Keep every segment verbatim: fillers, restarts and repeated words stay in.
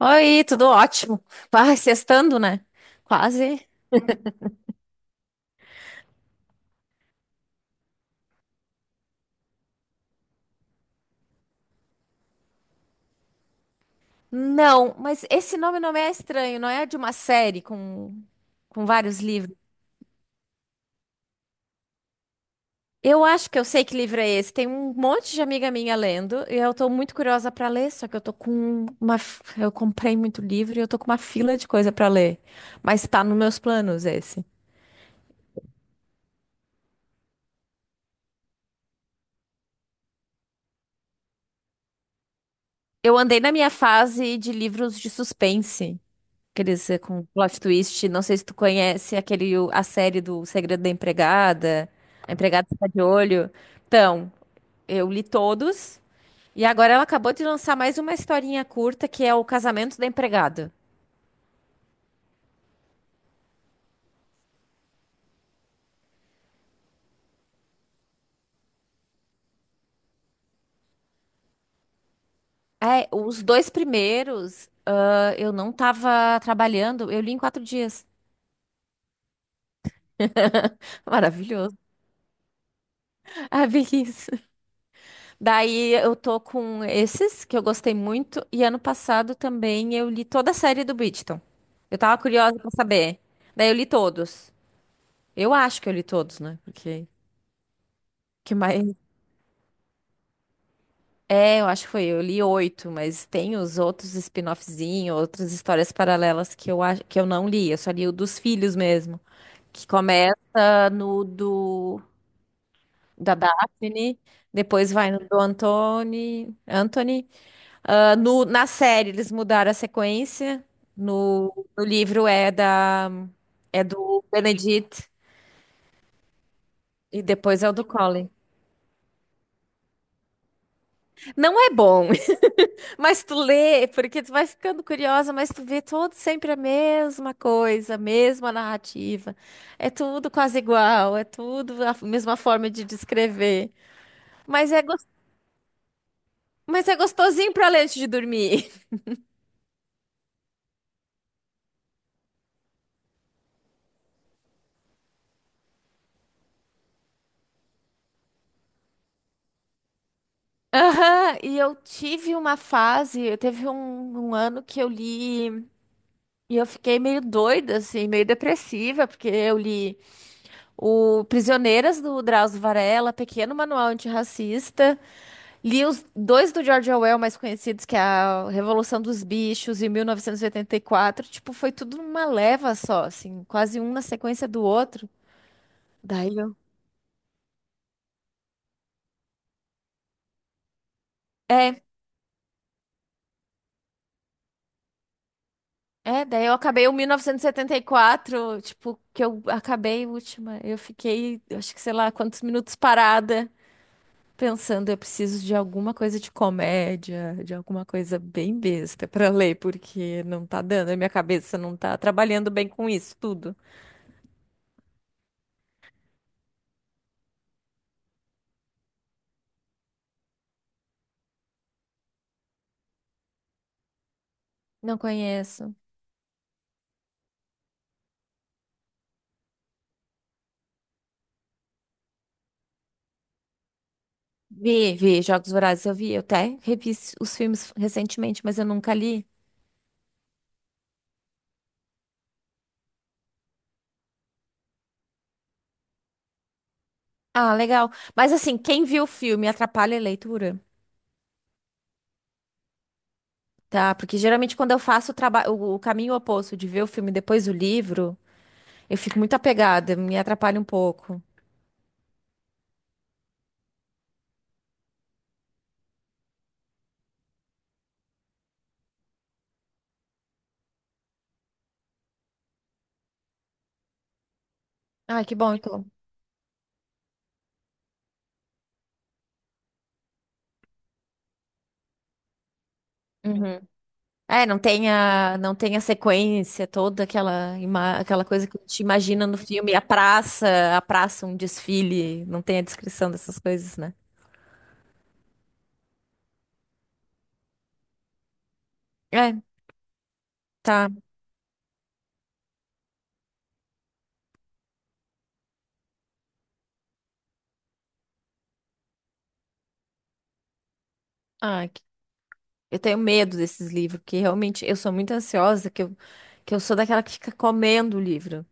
Oi, tudo ótimo. Vai, sextando, né? Quase. Não, mas esse nome não é estranho, não é de uma série com, com vários livros. Eu acho que eu sei que livro é esse. Tem um monte de amiga minha lendo e eu tô muito curiosa pra ler, só que eu tô com uma. F- Eu comprei muito livro e eu tô com uma fila de coisa pra ler. Mas tá nos meus planos esse. Eu andei na minha fase de livros de suspense. Aqueles eh, com plot twist. Não sei se tu conhece aquele, o- a série do Segredo da Empregada. A Empregada Está de Olho. Então, eu li todos. E agora ela acabou de lançar mais uma historinha curta, que é o Casamento da Empregada. É, os dois primeiros, ah, eu não tava trabalhando, eu li em quatro dias. Maravilhoso. Ah, bem isso. Daí eu tô com esses que eu gostei muito e ano passado também eu li toda a série do Bridgerton. Eu tava curiosa pra saber. Daí eu li todos. Eu acho que eu li todos, né? Porque que mais? É, eu acho que foi. Eu li oito, mas tem os outros spin-offzinhos, outras histórias paralelas que eu acho que eu não li. Eu só li o dos filhos mesmo, que começa no do da Daphne, depois vai no do Anthony Anthony. Ah, no, na série eles mudaram a sequência. No, no livro é da é do Benedict e depois é o do Colin. Não é bom, mas tu lê porque tu vai ficando curiosa, mas tu vê todo sempre a mesma coisa, a mesma narrativa. É tudo quase igual, é tudo a mesma forma de descrever. Mas é gos- mas é gostosinho pra ler antes de dormir. Aham, e eu tive uma fase, eu teve um, um ano que eu li. E eu fiquei meio doida, assim, meio depressiva, porque eu li o Prisioneiras do Drauzio Varela, Pequeno Manual Antirracista, li os dois do George Orwell mais conhecidos, que é a Revolução dos Bichos e mil novecentos e oitenta e quatro. Tipo, foi tudo numa leva só, assim, quase um na sequência do outro. Daí eu. É, é, daí eu acabei o mil novecentos e setenta e quatro, tipo, que eu acabei a última. Eu fiquei, acho que sei lá, quantos minutos parada, pensando, eu preciso de alguma coisa de comédia, de alguma coisa bem besta pra ler, porque não tá dando, a minha cabeça não tá trabalhando bem com isso tudo. Não conheço. Vi, vi, Jogos Vorazes, eu vi, eu até revi os filmes recentemente, mas eu nunca li. Ah, legal. Mas assim, quem viu o filme atrapalha a leitura, tá? Porque geralmente quando eu faço o trabalho, o o caminho oposto de ver o filme e depois o livro, eu fico muito apegada, me atrapalha um pouco. Ah, que bom, então. Uhum. É, não tem a, não tem a sequência toda, aquela, ima- aquela coisa que a gente imagina no filme, a praça, a praça, um desfile, não tem a descrição dessas coisas, né? É, tá. Ah, que- eu tenho medo desses livros, porque realmente eu sou muito ansiosa, que eu, que eu sou daquela que fica comendo o livro.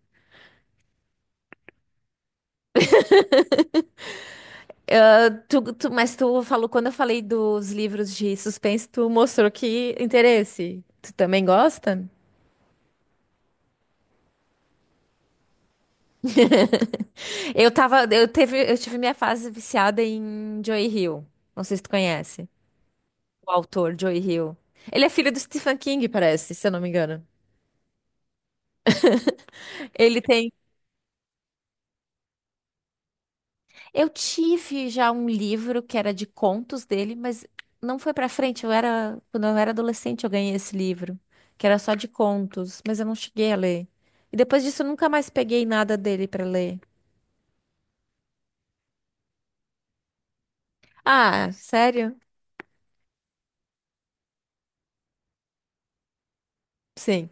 Tu, tu, mas tu falou, quando eu falei dos livros de suspense, tu mostrou que interesse. Tu também gosta? Eu tava, eu teve, eu tive minha fase viciada em Joy Hill. Não sei se tu conhece o autor, Joe Hill. Ele é filho do Stephen King, parece, se eu não me engano. Ele tem. Eu tive já um livro que era de contos dele, mas não foi pra frente. Eu era. Quando eu era adolescente, eu ganhei esse livro, que era só de contos, mas eu não cheguei a ler. E depois disso, eu nunca mais peguei nada dele pra ler. Ah, sério? Sim.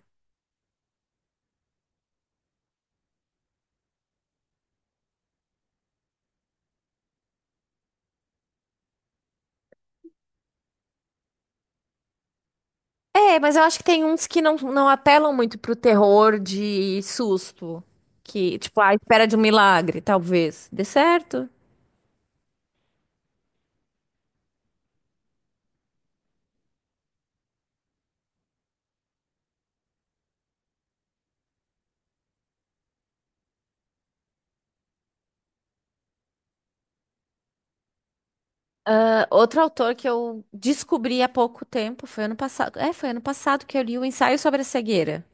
É, mas eu acho que tem uns que não, não apelam muito pro terror de susto. Que, tipo, à espera de um milagre, talvez. Dê certo. Ah, outro autor que eu descobri há pouco tempo, foi ano passado. É, foi ano passado que eu li o Ensaio sobre a Cegueira.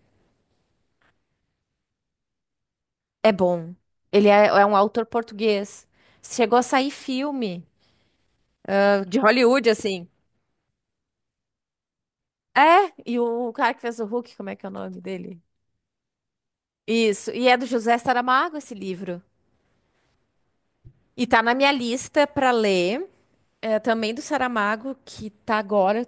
É bom. Ele é, é um autor português. Chegou a sair filme ah, de Hollywood, assim. É, e o cara que fez o Hulk, como é que é o nome dele? Isso. E é do José Saramago esse livro. E tá na minha lista pra ler. É, também do Saramago, que tá agora,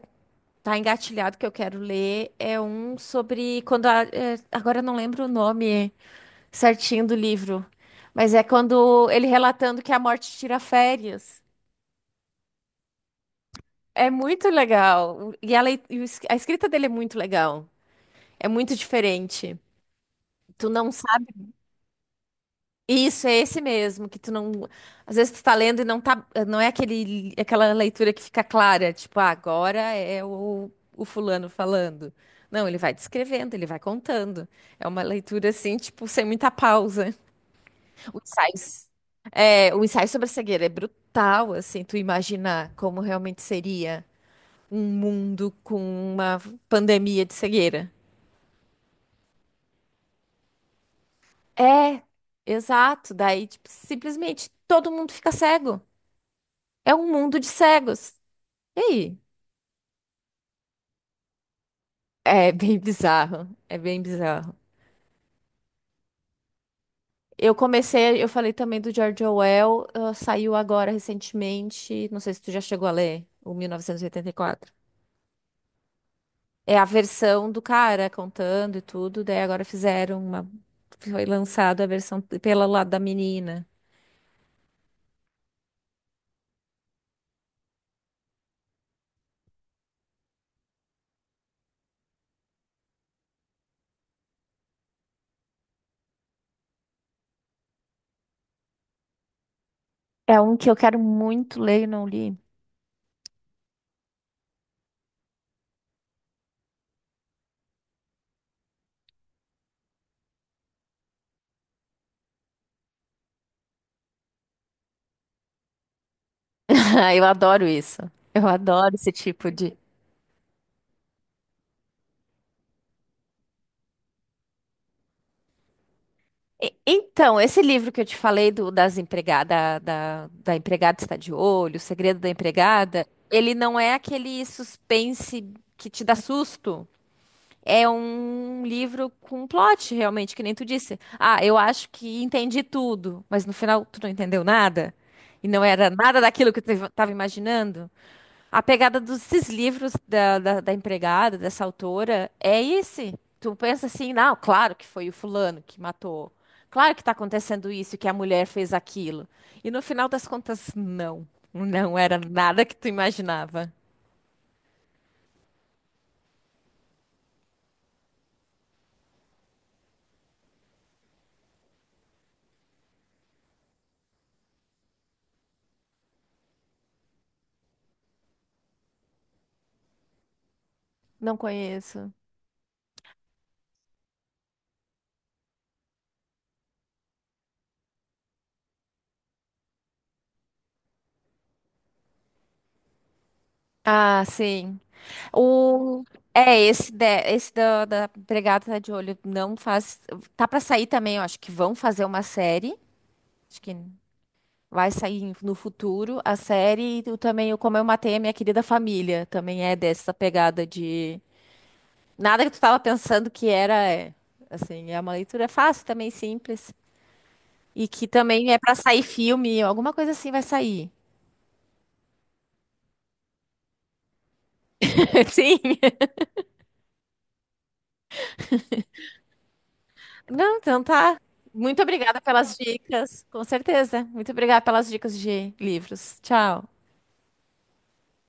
tá engatilhado que eu quero ler. É um sobre quando a, é, agora eu não lembro o nome certinho do livro. Mas é quando ele relatando que a morte tira férias. É muito legal. E a, lei- e o es- a escrita dele é muito legal. É muito diferente. Tu não sabe. Isso, é esse mesmo, que tu não. Às vezes tu tá lendo e não tá. Não é aquele, aquela leitura que fica clara, tipo, ah, agora é o, o fulano falando. Não, ele vai descrevendo, ele vai contando. É uma leitura assim, tipo, sem muita pausa. O ensaio, é, o ensaio sobre a cegueira é brutal, assim, tu imaginar como realmente seria um mundo com uma pandemia de cegueira. É, exato. Daí, tipo, simplesmente todo mundo fica cego. É um mundo de cegos. E aí? É bem bizarro. É bem bizarro. Eu comecei, eu falei também do George Orwell, ah, saiu agora recentemente. Não sei se tu já chegou a ler, o mil novecentos e oitenta e quatro. É a versão do cara contando e tudo, daí agora fizeram uma. Foi lançada a versão pelo lado da menina. É um que eu quero muito ler e não li. Eu adoro isso. Eu adoro esse tipo de. E- Então, esse livro que eu te falei do, das empregada, da, da Empregada Está de Olho, o Segredo da Empregada, ele não é aquele suspense que te dá susto. É um livro com plot, realmente, que nem tu disse. Ah, eu acho que entendi tudo, mas no final tu não entendeu nada. E não era nada daquilo que tu estava imaginando. A pegada desses livros da, da, da empregada, dessa autora, é esse. Tu pensa assim, não, claro que foi o fulano que matou. Claro que tá acontecendo isso, que a mulher fez aquilo. E no final das contas, não. Não era nada que tu imaginava. Não conheço. Ah, sim. O... É, esse, de... esse da, da empregada tá de olho não faz. Tá pra sair também, eu acho que vão fazer uma série. Acho que vai sair no futuro a série. E tu também o Como Eu Matei a Minha Querida Família. Também é dessa pegada de. Nada que tu tava pensando que era. É. Assim, é uma leitura fácil também, simples. E que também é pra sair filme, alguma coisa assim vai sair. Sim. Não, então tá. Muito obrigada pelas dicas, com certeza. Muito obrigada pelas dicas de livros. Tchau.